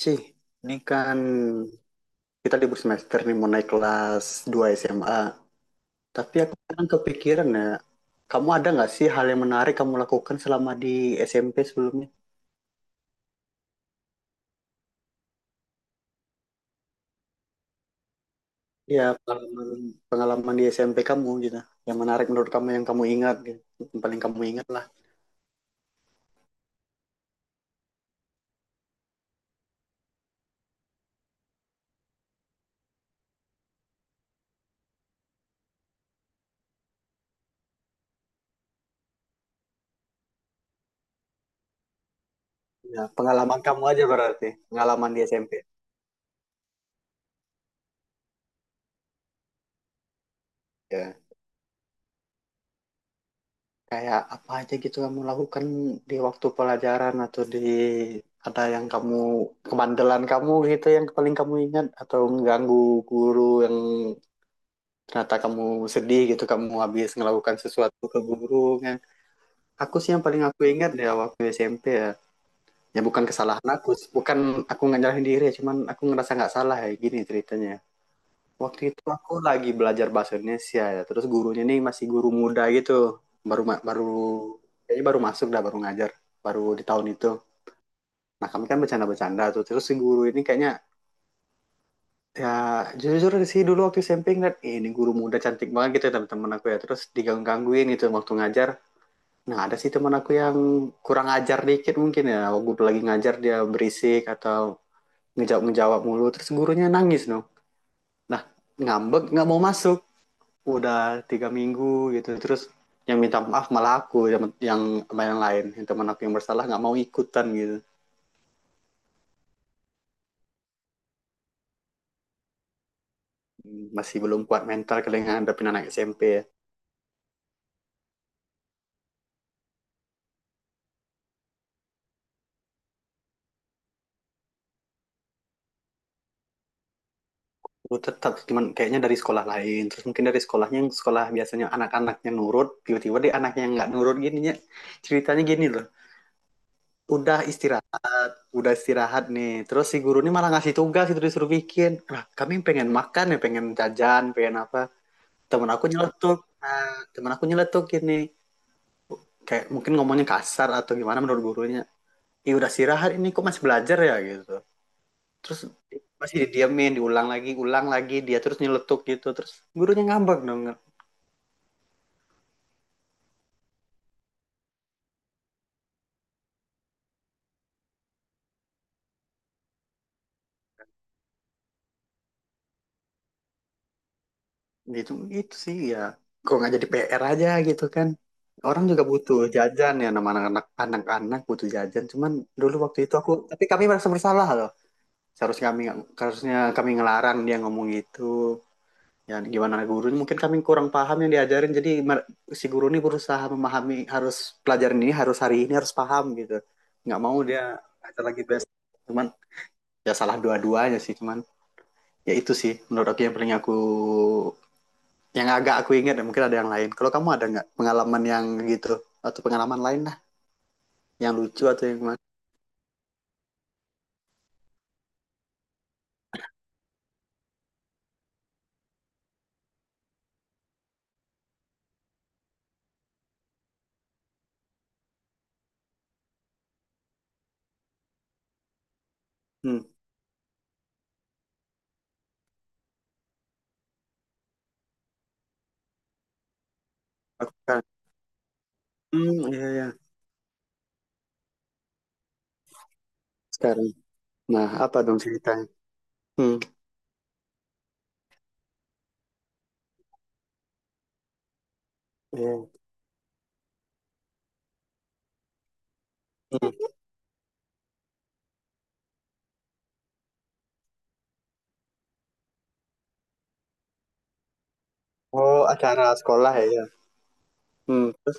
Ci, ini kan kita libur semester nih mau naik kelas 2 SMA. Tapi aku kan kepikiran ya, kamu ada nggak sih hal yang menarik kamu lakukan selama di SMP sebelumnya? Ya, pengalaman, pengalaman di SMP kamu gitu. Yang menarik menurut kamu yang kamu ingat gitu. Yang paling kamu ingat lah. Ya, pengalaman kamu aja berarti. Pengalaman di SMP. Ya. Kayak apa aja gitu kamu lakukan di waktu pelajaran atau ada yang kamu kemandelan kamu gitu yang paling kamu ingat, atau mengganggu guru yang ternyata kamu sedih gitu kamu habis melakukan sesuatu ke guru kan. Aku sih yang paling aku ingat ya waktu SMP ya. Ya bukan kesalahan aku, bukan, aku nggak nyalahin diri, ya, cuman aku ngerasa nggak salah, ya gini ceritanya. Waktu itu aku lagi belajar bahasa Indonesia ya. Terus gurunya nih masih guru muda gitu. Baru kayaknya baru masuk dah, baru ngajar. Baru di tahun itu. Nah, kami kan bercanda-bercanda tuh. Terus si guru ini kayaknya, ya jujur sih dulu waktu SMP ngeliat, "Ih, ini guru muda cantik banget gitu ya teman-teman aku ya." Terus diganggu-gangguin gitu waktu ngajar. Nah, ada sih teman aku yang kurang ajar dikit mungkin ya. Waktu lagi ngajar dia berisik atau ngejawab-ngejawab mulu. Terus gurunya nangis noh. Nah, ngambek nggak mau masuk udah 3 minggu gitu. Terus yang minta maaf malah aku, yang yang lain yang teman aku yang bersalah nggak mau ikutan gitu. Masih belum kuat mental kali ngadepin anak SMP ya. Aku tetap, cuman kayaknya dari sekolah lain. Terus mungkin dari sekolahnya, yang sekolah biasanya anak-anaknya nurut, tiba-tiba deh anaknya yang nggak nurut. Gini ya ceritanya, gini loh. Udah istirahat, udah istirahat nih, terus si guru ini malah ngasih tugas, itu disuruh bikin. Nah, kami pengen makan ya, pengen jajan, pengen apa. Temen aku nyeletuk, nah temen aku nyeletuk gini, kayak mungkin ngomongnya kasar atau gimana menurut gurunya. "Ih, udah istirahat ini kok masih belajar ya," gitu. Terus masih didiamin, diulang lagi, ulang lagi dia terus nyeletuk gitu. Terus gurunya ngambek dong. Gitu gitu sih ya. Kok nggak jadi PR aja gitu kan, orang juga butuh jajan ya, nama anak-anak, anak-anak butuh jajan. Cuman dulu waktu itu aku, tapi kami merasa bersalah loh. Seharusnya kami Harusnya kami ngelarang dia ngomong gitu. Ya gimana gurunya, mungkin kami kurang paham yang diajarin, jadi si guru ini berusaha memahami, harus pelajaran ini harus hari ini harus paham gitu, nggak mau dia ngajar lagi. Best cuman, ya salah dua-duanya sih. Cuman ya itu sih menurut aku, yang agak aku ingat. Dan mungkin ada yang lain, kalau kamu ada nggak pengalaman yang gitu, atau pengalaman lain lah yang lucu atau yang mana. Hmm aku kan hmm Iya, iya. Sekarang, nah apa dong ceritanya? hmm iya. Hmm. Oh, acara sekolah ya, ya. Terus?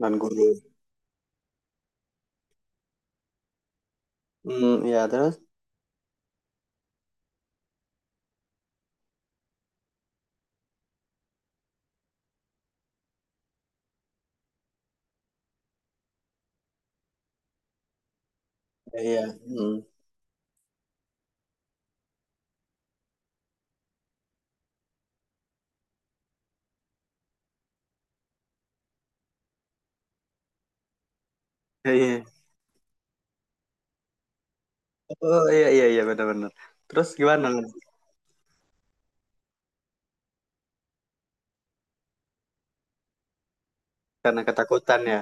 Non guru. Hmm, ya terus? Iya. Hmm. Iya, iya. Oh, iya iya iya, benar-benar. Terus gimana? Karena ketakutan ya.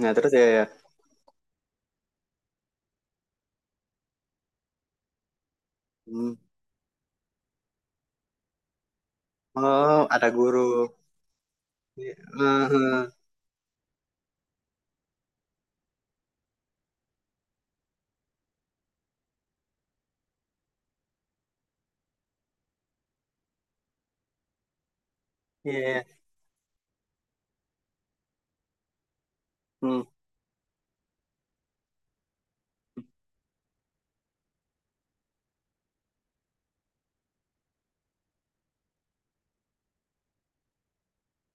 Nah, terus ya ya. Hmm. Oh, ada guru. Iya. Mhm. Iya, iya. Hmm.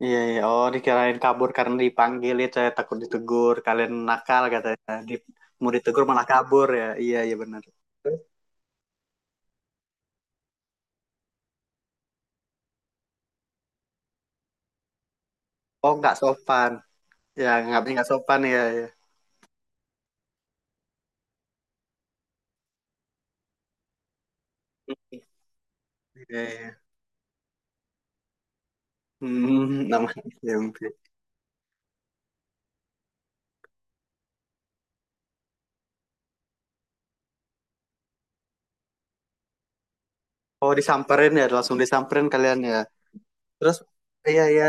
Iya, iya. Oh, dikirain kabur karena dipanggil itu ya, takut ditegur. Kalian nakal katanya. Di, mau ditegur malah kabur ya. Iya, iya benar. Terus? Oh, nggak sopan. Ya, nggak sopan ya, ya. Iya, iya. Hmm, namanya SMP. Oh, disamperin ya, langsung disamperin kalian ya. Terus, iya iya.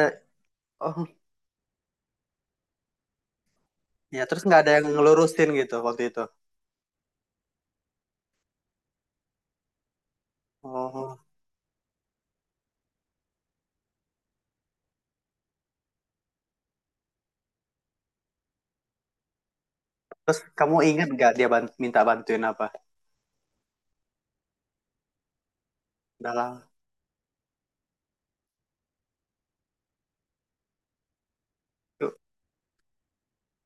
Oh, ya terus nggak ada yang ngelurusin gitu waktu itu. Oh. Terus kamu ingat nggak dia ban- minta bantuin apa? Dalam.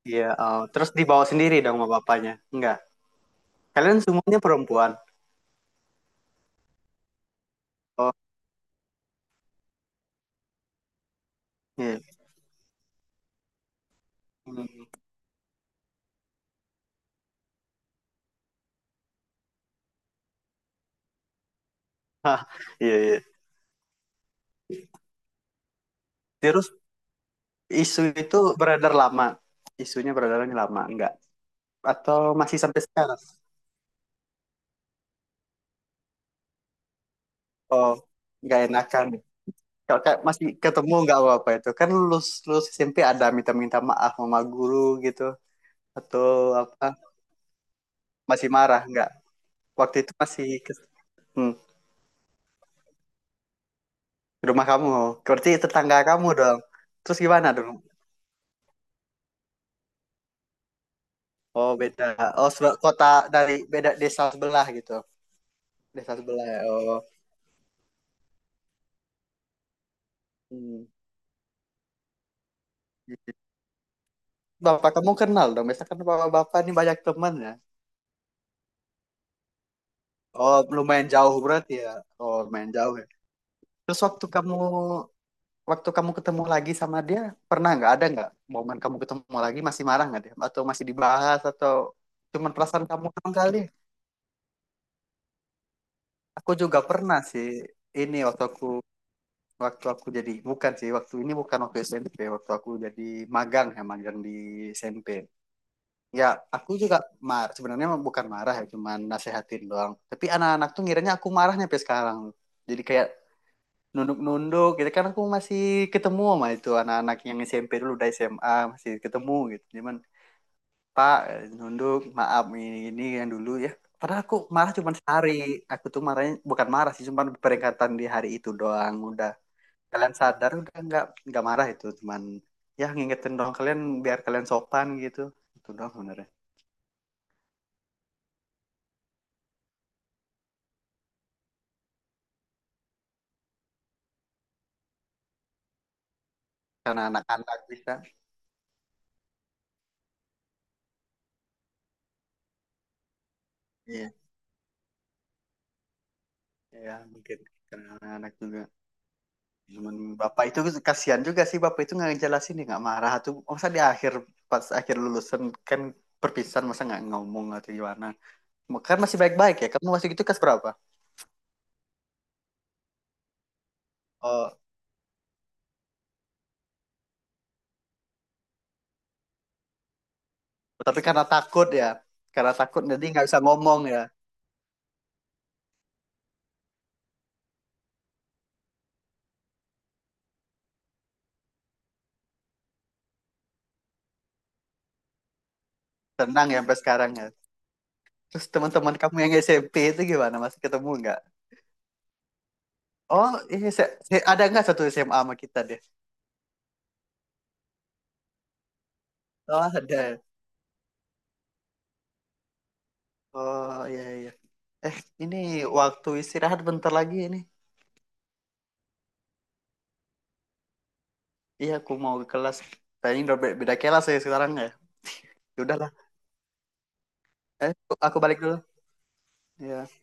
Iya, oh. Terus dibawa sendiri dong sama bapaknya. Enggak. Kalian semuanya perempuan. Oh, iya. Hmm. Hah, iya, iya. Terus isu itu beredar lama. Isunya beredar lama, enggak? Atau masih sampai sekarang? Oh, nggak enakan. Kalau kayak masih ketemu nggak apa-apa itu. Kan lulus, lulus SMP ada minta-minta maaf sama guru gitu. Atau apa, masih marah nggak waktu itu, masih ke, hmm, ke rumah kamu berarti tetangga kamu dong. Terus gimana dong? Oh beda. Oh sebe- kota. Dari beda desa sebelah gitu, desa sebelah ya. Oh, hmm. Bapak kamu kenal dong, biasanya kan bapak-bapak ini banyak teman ya. Oh lumayan jauh berarti ya. Oh lumayan jauh ya. Terus waktu kamu, waktu kamu ketemu lagi sama dia, pernah nggak, ada nggak momen kamu ketemu lagi, masih marah nggak dia atau masih dibahas atau cuman perasaan kamu doang kali. Aku juga pernah sih, ini waktu aku, waktu aku jadi, bukan sih waktu ini, bukan waktu SMP, waktu aku jadi magang ya, magang di SMP ya. Aku juga mar- sebenarnya mah bukan marah ya, cuman nasehatin doang, tapi anak-anak tuh ngiranya aku marahnya sampai sekarang. Jadi kayak nunduk-nunduk gitu kan. Aku masih ketemu sama itu anak-anak yang SMP dulu, udah SMA, masih ketemu gitu. Cuman, "Pak," nunduk, "maaf ini yang dulu ya." Padahal aku marah cuma sehari. Aku tuh marahnya bukan marah sih, cuma peringatan di hari itu doang, udah kalian sadar udah, nggak marah itu. Cuman ya ngingetin dong kalian biar kalian sopan gitu, itu doang sebenarnya. Karena anak-anak bisa, iya ya mungkin karena anak-anak juga. Cuman bapak itu, kasihan juga sih bapak itu nggak ngejelasin dia nggak marah tuh. Masa di akhir, pas akhir lulusan kan, perpisahan, masa nggak ngomong atau gimana. Kan masih baik-baik ya. Kamu masih gitu kelas berapa? Oh, tapi karena takut ya. Karena takut jadi nggak bisa ngomong ya. Tenang ya sampai sekarang ya. Terus teman-teman kamu yang SMP itu gimana? Masih ketemu nggak? Oh, iya, se- se- ada nggak satu SMA sama kita deh? Oh, ada. Oh, iya, iya. Eh, ini waktu istirahat bentar lagi ini. Iya, aku mau ke kelas. Kayaknya udah be- beda kelas ya sekarang ya. Ya udahlah. Eh, aku balik dulu. Iya.